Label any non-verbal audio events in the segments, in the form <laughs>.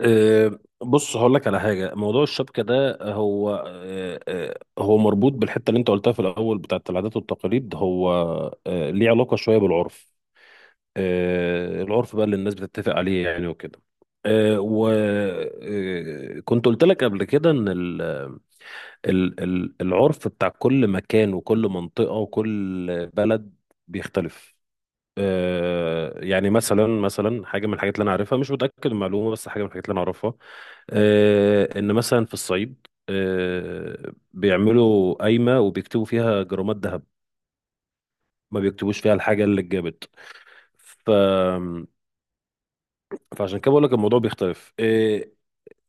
بص هقول لك على حاجه، موضوع الشبكه ده هو أه، أه، هو مربوط بالحته اللي انت قلتها في الاول بتاعت العادات والتقاليد، هو ليه علاقه شويه بالعرف. العرف بقى اللي الناس بتتفق عليه يعني وكده. وكنت قلت لك قبل كده ان العرف بتاع كل مكان وكل منطقه وكل بلد بيختلف. يعني مثلا حاجه من الحاجات اللي انا عارفها، مش متاكد من المعلومه بس حاجه من الحاجات اللي انا اعرفها، ان مثلا في الصعيد بيعملوا قايمه وبيكتبوا فيها جرامات ذهب، ما بيكتبوش فيها الحاجه اللي اتجابت. ف فعشان كده بقول لك الموضوع بيختلف.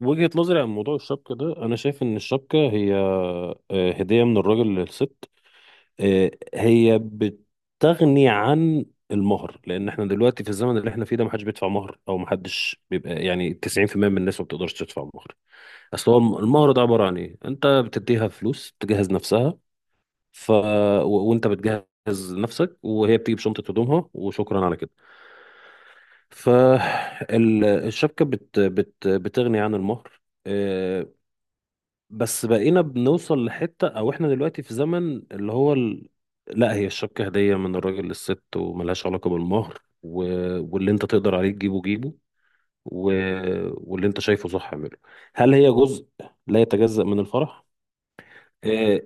وجهه نظري عن موضوع الشبكه ده، انا شايف ان الشبكه هي هديه من الراجل للست. هي بتغني عن المهر، لان احنا دلوقتي في الزمن اللي احنا فيه ده محدش بيدفع مهر او محدش بيبقى يعني 90% من الناس ما بتقدرش تدفع مهر. اصل هو المعرض عباره عن ايه، انت بتديها فلوس تجهز نفسها. ف وانت بتجهز نفسك وهي بتيجي بشنطه هدومها وشكرا على كده. فالشبكه بتغني عن المهر. بس بقينا بنوصل لحته، او احنا دلوقتي في زمن اللي هو لا، هي الشبكه هديه من الراجل للست وملهاش علاقه بالمهر. واللي انت تقدر عليه تجيبه جيبه. و... واللي انت شايفه صح اعمله. هل هي جزء لا يتجزأ من الفرح؟ آه،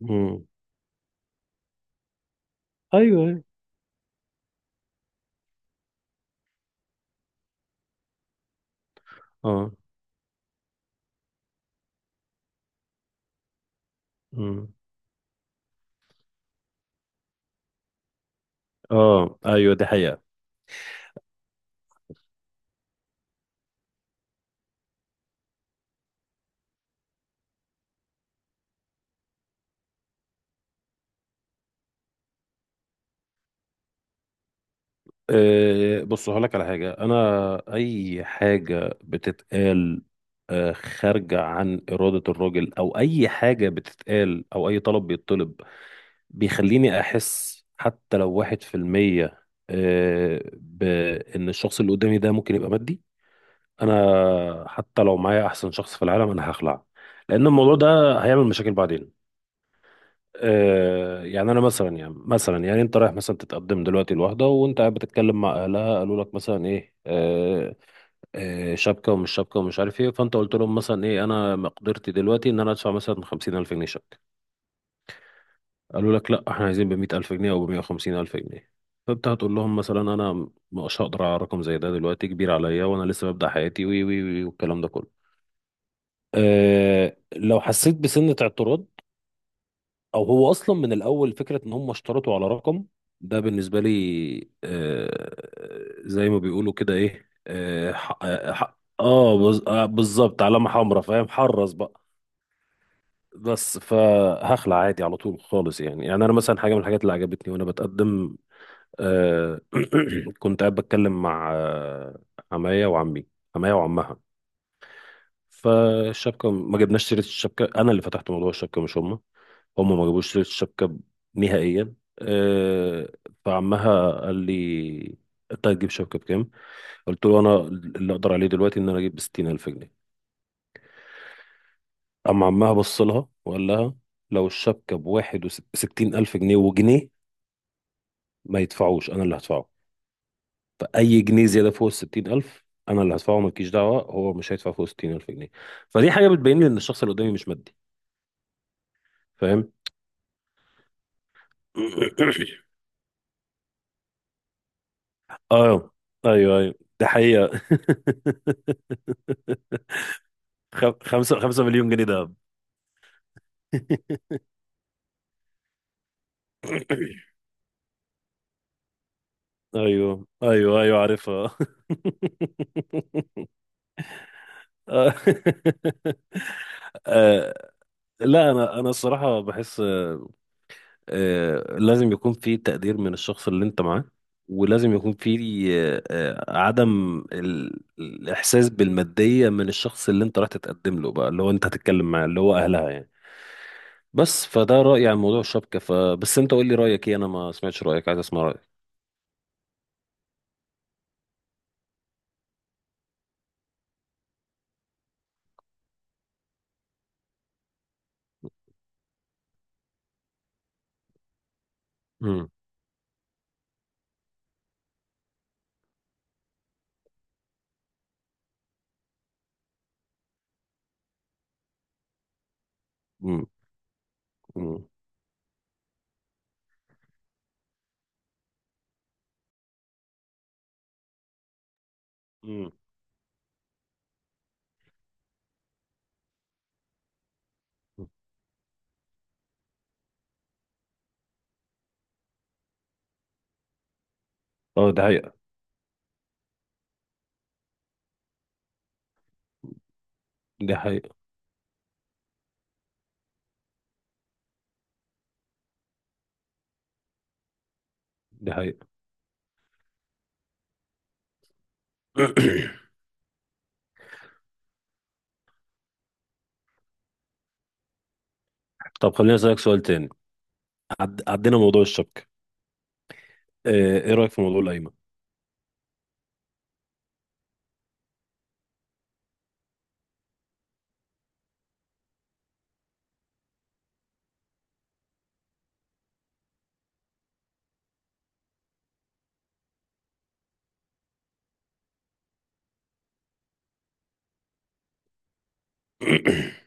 مم. ايوه، أيوة. اه، مم. اه ايوه دي حقيقة. أه بص هقولك على حاجة، انا اي حاجة بتتقال، أه خارجة عن إرادة الراجل، او اي حاجة بتتقال، او اي طلب بيطلب، بيخليني احس حتى لو 1%، أه، بان الشخص اللي قدامي ده ممكن يبقى مادي. انا حتى لو معايا احسن شخص في العالم انا هخلع، لان الموضوع ده هيعمل مشاكل بعدين. يعني انا مثلا، يعني انت رايح مثلا تتقدم دلوقتي لواحده وانت قاعد بتتكلم مع اهلها، قالوا لك مثلا ايه شبكه ومش شبكه ومش عارف ايه، فانت قلت لهم مثلا ايه، انا مقدرتي دلوقتي ان انا ادفع مثلا 50000 جنيه شبكه، قالوا لك لا احنا عايزين ب 100000 جنيه او ب 150000 جنيه، فانت هتقول لهم مثلا انا مش هقدر على رقم زي ده، دلوقتي كبير عليا وانا لسه ببدا حياتي وي وي وي والكلام ده كله. أه لو حسيت بسنة اعتراض، او هو اصلا من الاول فكره ان هم اشترطوا على رقم، ده بالنسبه لي آه، زي ما بيقولوا كده ايه بالظبط علامه حمراء، فاهم، حرص بقى. بس فهخلع عادي على طول خالص يعني. يعني انا مثلا حاجه من الحاجات اللي عجبتني وانا بتقدم، آه <clears throat> كنت قاعد بتكلم مع عمايا وعمي عمايا وعمها. فالشبكة ما جبناش سيرة الشبكة، أنا اللي فتحت موضوع الشبكة مش هما، هما ما جابوش سيرة الشبكة نهائيا أه. فعمها قال لي أنت هتجيب شبكة بكام؟ قلت له أنا اللي أقدر عليه دلوقتي إن أنا أجيب ب60000 جنيه. أما عمها بص لها وقال لها لو الشبكة ب61000 جنيه وجنيه ما يدفعوش أنا اللي هدفعه. فأي جنيه زيادة فوق ال60000 أنا اللي هدفعه، مالكيش دعوة، هو مش هيدفع فوق 60000 جنيه. فدي حاجة بتبين لي إن الشخص اللي قدامي مش مادي، فاهم؟ <coughs> اه ايوه ايوه ده حقيقة. <laughs> خمسة مليون جنيه دهب. <laughs> ايوه ايوه ايوه عارفها. <laughs> آه، آه، لا، انا الصراحة بحس، لازم يكون في تقدير من الشخص اللي انت معاه، ولازم يكون في عدم الاحساس بالمادية من الشخص اللي انت راح تتقدم له بقى، اللي هو انت هتتكلم معاه اللي هو اهلها يعني. بس فده رأيي عن موضوع الشبكة، فبس انت قول لي رأيك ايه، انا ما سمعتش رأيك، عايز اسمع رأيك. امم امم امم امم. اه ده حقيقة. ده حقيقة. ده حقيقة. <clears throat> طب خليني اسألك سؤال تاني. عدينا موضوع الشبكة. اه، ايه رأيك في موضوع القايمة؟ <coughs> <clears throat>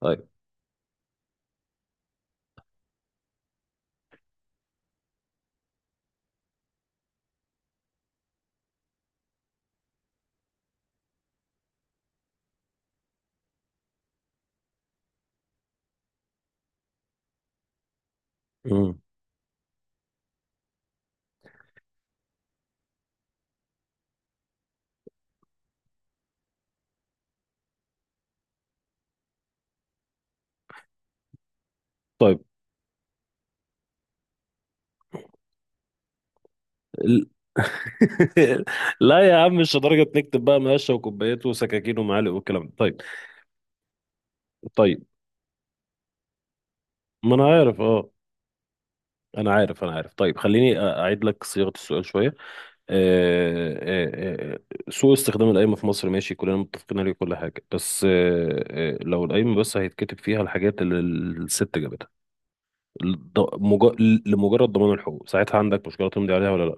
طيب. امم. طيب. ال- <laughs> لا يا عم مش لدرجة نكتب بقى مقاشة وكوبايات وسكاكين ومعالق والكلام ده، طيب. طيب ما انا عارف اه، انا عارف، طيب خليني اعيد لك صياغة السؤال شوية. آه، آه، آه، سوء استخدام القايمة في مصر ماشي، كلنا متفقين عليه كل حاجة، بس لو القايمة بس هيتكتب فيها الحاجات اللي الست جابتها، الض- مج- لمجرد ضمان الحقوق، ساعتها عندك مشكلة تمضي عليها ولا لا؟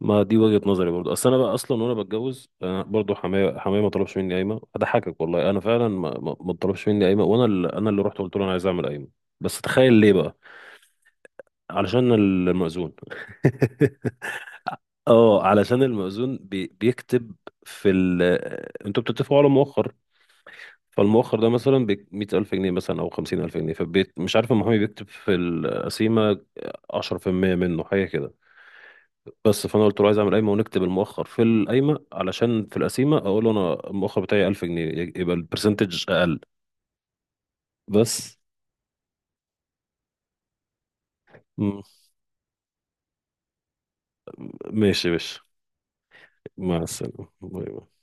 ما دي وجهة نظري برضه. اصل انا بقى اصلا وانا بتجوز، انا برضه حماية ما طلبش مني قايمة، اضحكك والله انا فعلا ما طلبش مني قايمة، وانا اللي انا اللي رحت قلت له انا عايز اعمل قايمة. بس تخيل ليه بقى؟ علشان المأذون. <laughs> اه علشان المأذون بيكتب في انتوا بتتفقوا على مؤخر. فالمؤخر ده مثلا ب100000 جنيه مثلا، أو 50000 جنيه، فمش عارف المحامي بيكتب في القسيمة 10% منه، حاجة كده. بس فأنا قلت له عايز أعمل قايمة ونكتب المؤخر في القايمة علشان في القسيمة أقول له أنا المؤخر بتاعي 1000 جنيه يبقى البرسنتج أقل. بس م- ماشي يا باشا. مع السلامة باي باي.